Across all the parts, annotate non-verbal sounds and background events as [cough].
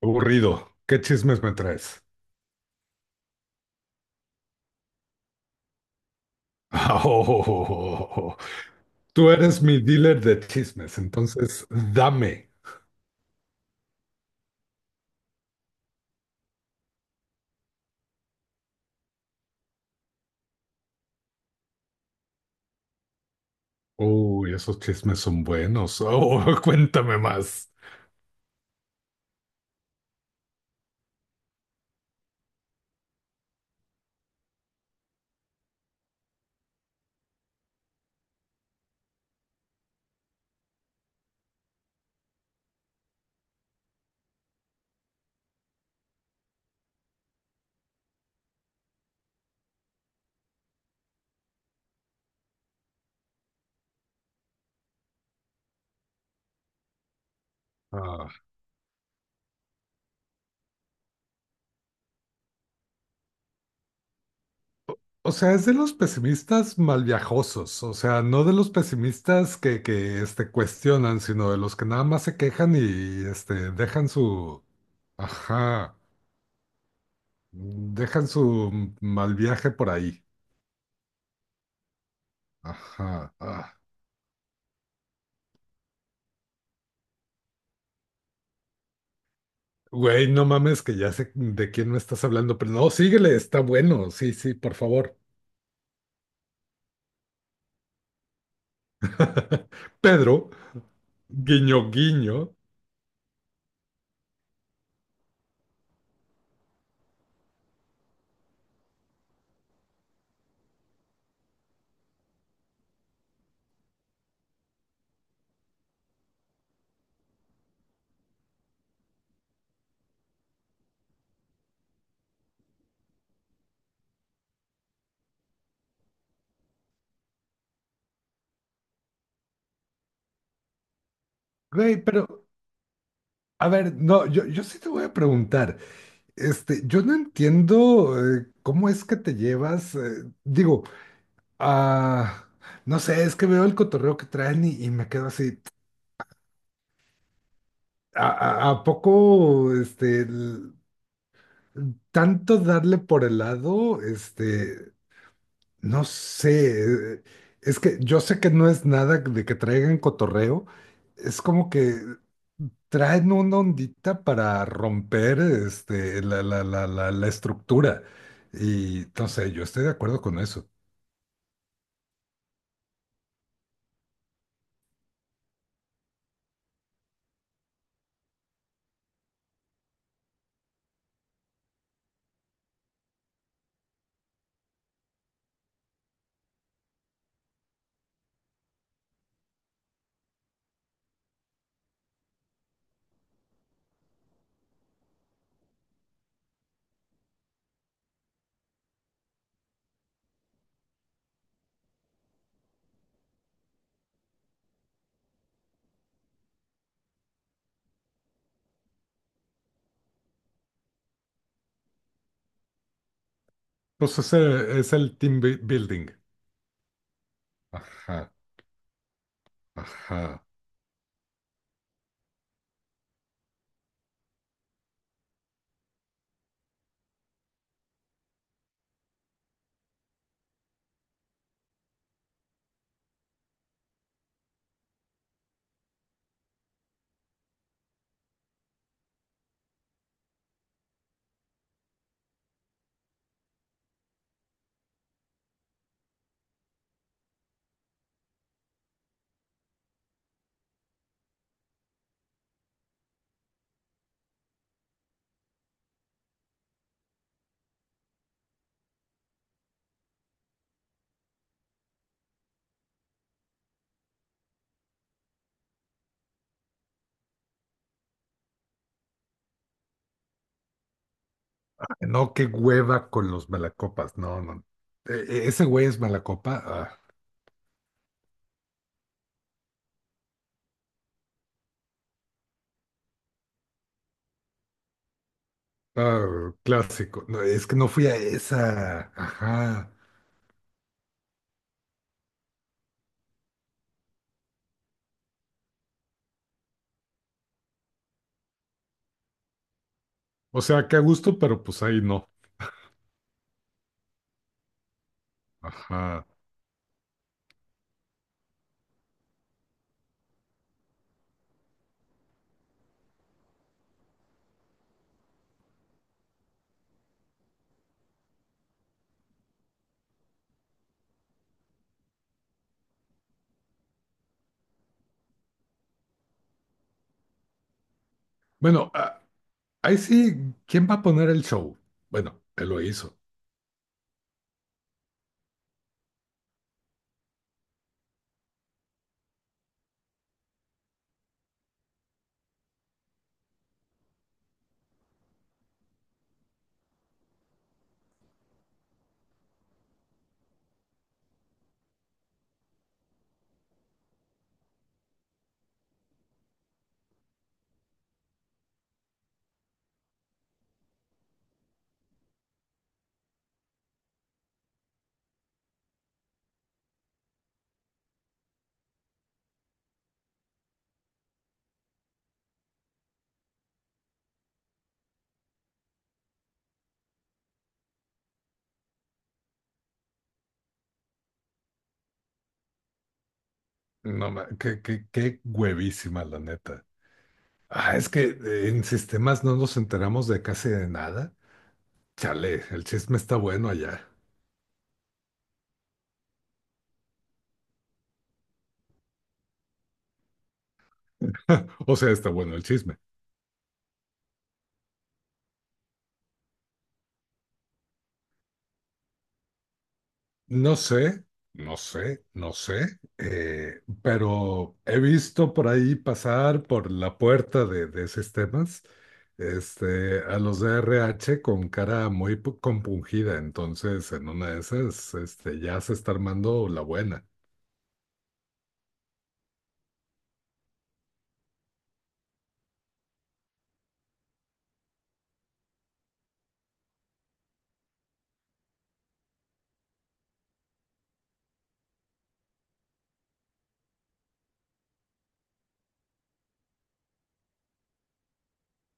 Aburrido. ¿Qué chismes me traes? [laughs] Oh, tú eres mi dealer de chismes, entonces dame. Uy, esos chismes son buenos. Oh, [laughs] cuéntame más. Ah, o sea, es de los pesimistas malviajosos, o sea, no de los pesimistas que cuestionan, sino de los que nada más se quejan y este, dejan su... Ajá, dejan su mal viaje por ahí. Ajá, ah. Güey, no mames que ya sé de quién me estás hablando, pero no, síguele, está bueno, sí, sí, por favor. [laughs] Pedro, guiño, guiño. Güey, pero, a ver, no, yo sí te voy a preguntar, este, yo no entiendo, cómo es que te llevas, digo, ah, no sé, es que veo el cotorreo que traen y me quedo así, ¿a poco, este, tanto darle por el lado, este...? No sé, es que yo sé que no es nada de que traigan cotorreo, es como que traen una ondita para romper este, la estructura. Y no sé, yo estoy de acuerdo con eso. Pues ese es el building. Ajá, ajá. No, qué hueva con los malacopas. No, no. Ese güey es malacopa. Ah, ah, clásico. No, es que no fui a esa. Ajá. O sea, qué a gusto, pero pues ahí no. Ajá. Bueno, ah, ahí sí, ¿quién va a poner el show? Bueno, él lo hizo. No, qué, qué huevísima, la neta. Ah, es que en sistemas no nos enteramos de casi de nada. Chale, el chisme está bueno allá. [laughs] O sea, está bueno el chisme. No sé, no sé, pero he visto por ahí pasar por la puerta de sistemas este, a los de RH con cara muy compungida, entonces en una de esas este, ya se está armando la buena.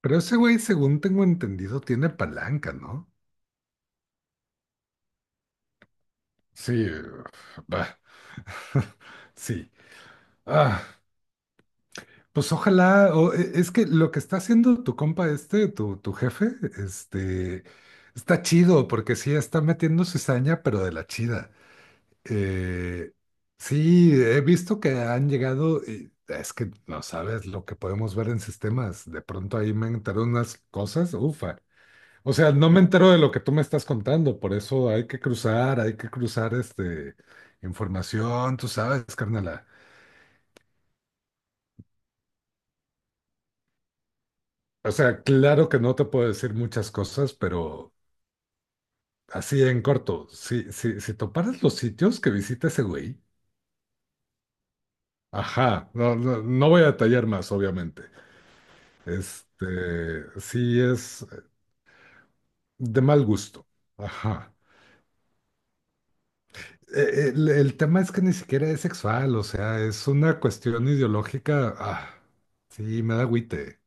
Pero ese güey, según tengo entendido, tiene palanca, ¿no? Sí, va. [laughs] Sí. Ah. Pues ojalá, o es que lo que está haciendo tu compa este, tu jefe, este, está chido, porque sí está metiendo cizaña, pero de la chida. Eh, sí, he visto que han llegado, y es que no sabes lo que podemos ver en sistemas. De pronto ahí me enteré unas cosas, ufa. O sea, no me entero de lo que tú me estás contando, por eso hay que cruzar este, información, tú sabes, carnala. O sea, claro que no te puedo decir muchas cosas, pero así en corto, si toparas los sitios que visita ese güey, ajá, no voy a detallar más, obviamente. Este, sí es de mal gusto, ajá. El tema es que ni siquiera es sexual, o sea, es una cuestión ideológica, ah, sí, me da agüite.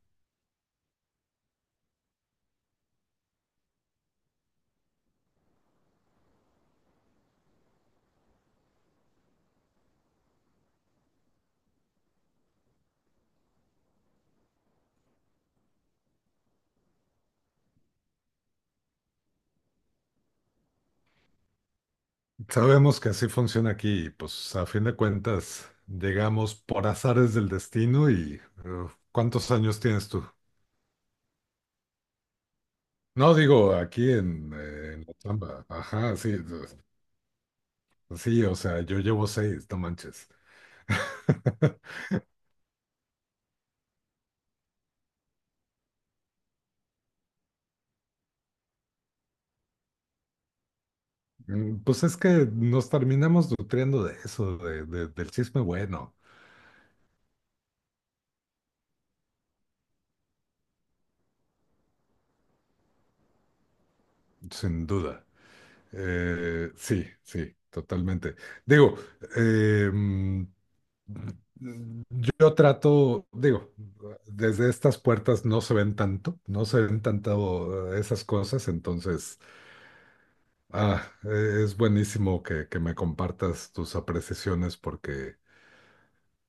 Sabemos que así funciona aquí, y pues a fin de cuentas, llegamos por azares del destino y, ¿cuántos años tienes tú? No, digo, aquí en la chamba. Ajá, sí, pues, sí, o sea, yo llevo seis, no manches. [laughs] Pues es que nos terminamos nutriendo de eso, de, del chisme bueno, sin duda. Sí, totalmente. Digo, eh, mm, yo trato, digo, desde estas puertas no se ven tanto esas cosas, entonces... Ah, es buenísimo que me compartas tus apreciaciones porque,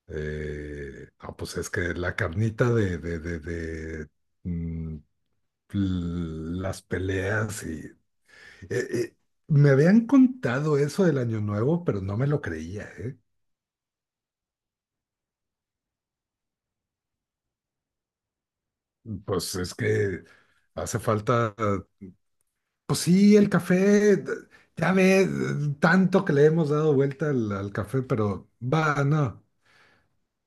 no, pues es que la carnita de, mm, las peleas y... eh, me habían contado eso del Año Nuevo, pero no me lo creía, ¿eh? Pues es que hace falta, pues sí, el café, ya ve, tanto que le hemos dado vuelta al, al café, pero va, no.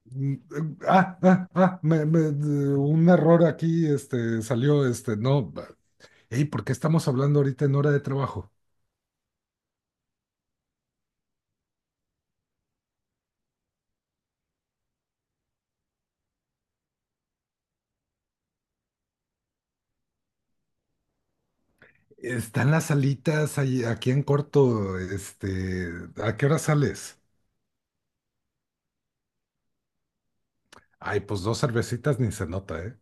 Un error aquí, este, salió, este, no, ey, ¿por qué estamos hablando ahorita en hora de trabajo? Están las salitas ahí, aquí en corto, este, ¿a qué hora sales? Ay, pues dos cervecitas ni se nota, ¿eh?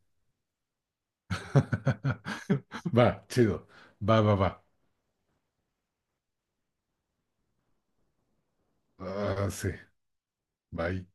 [laughs] Va, chido, va. Ah, sí, bye.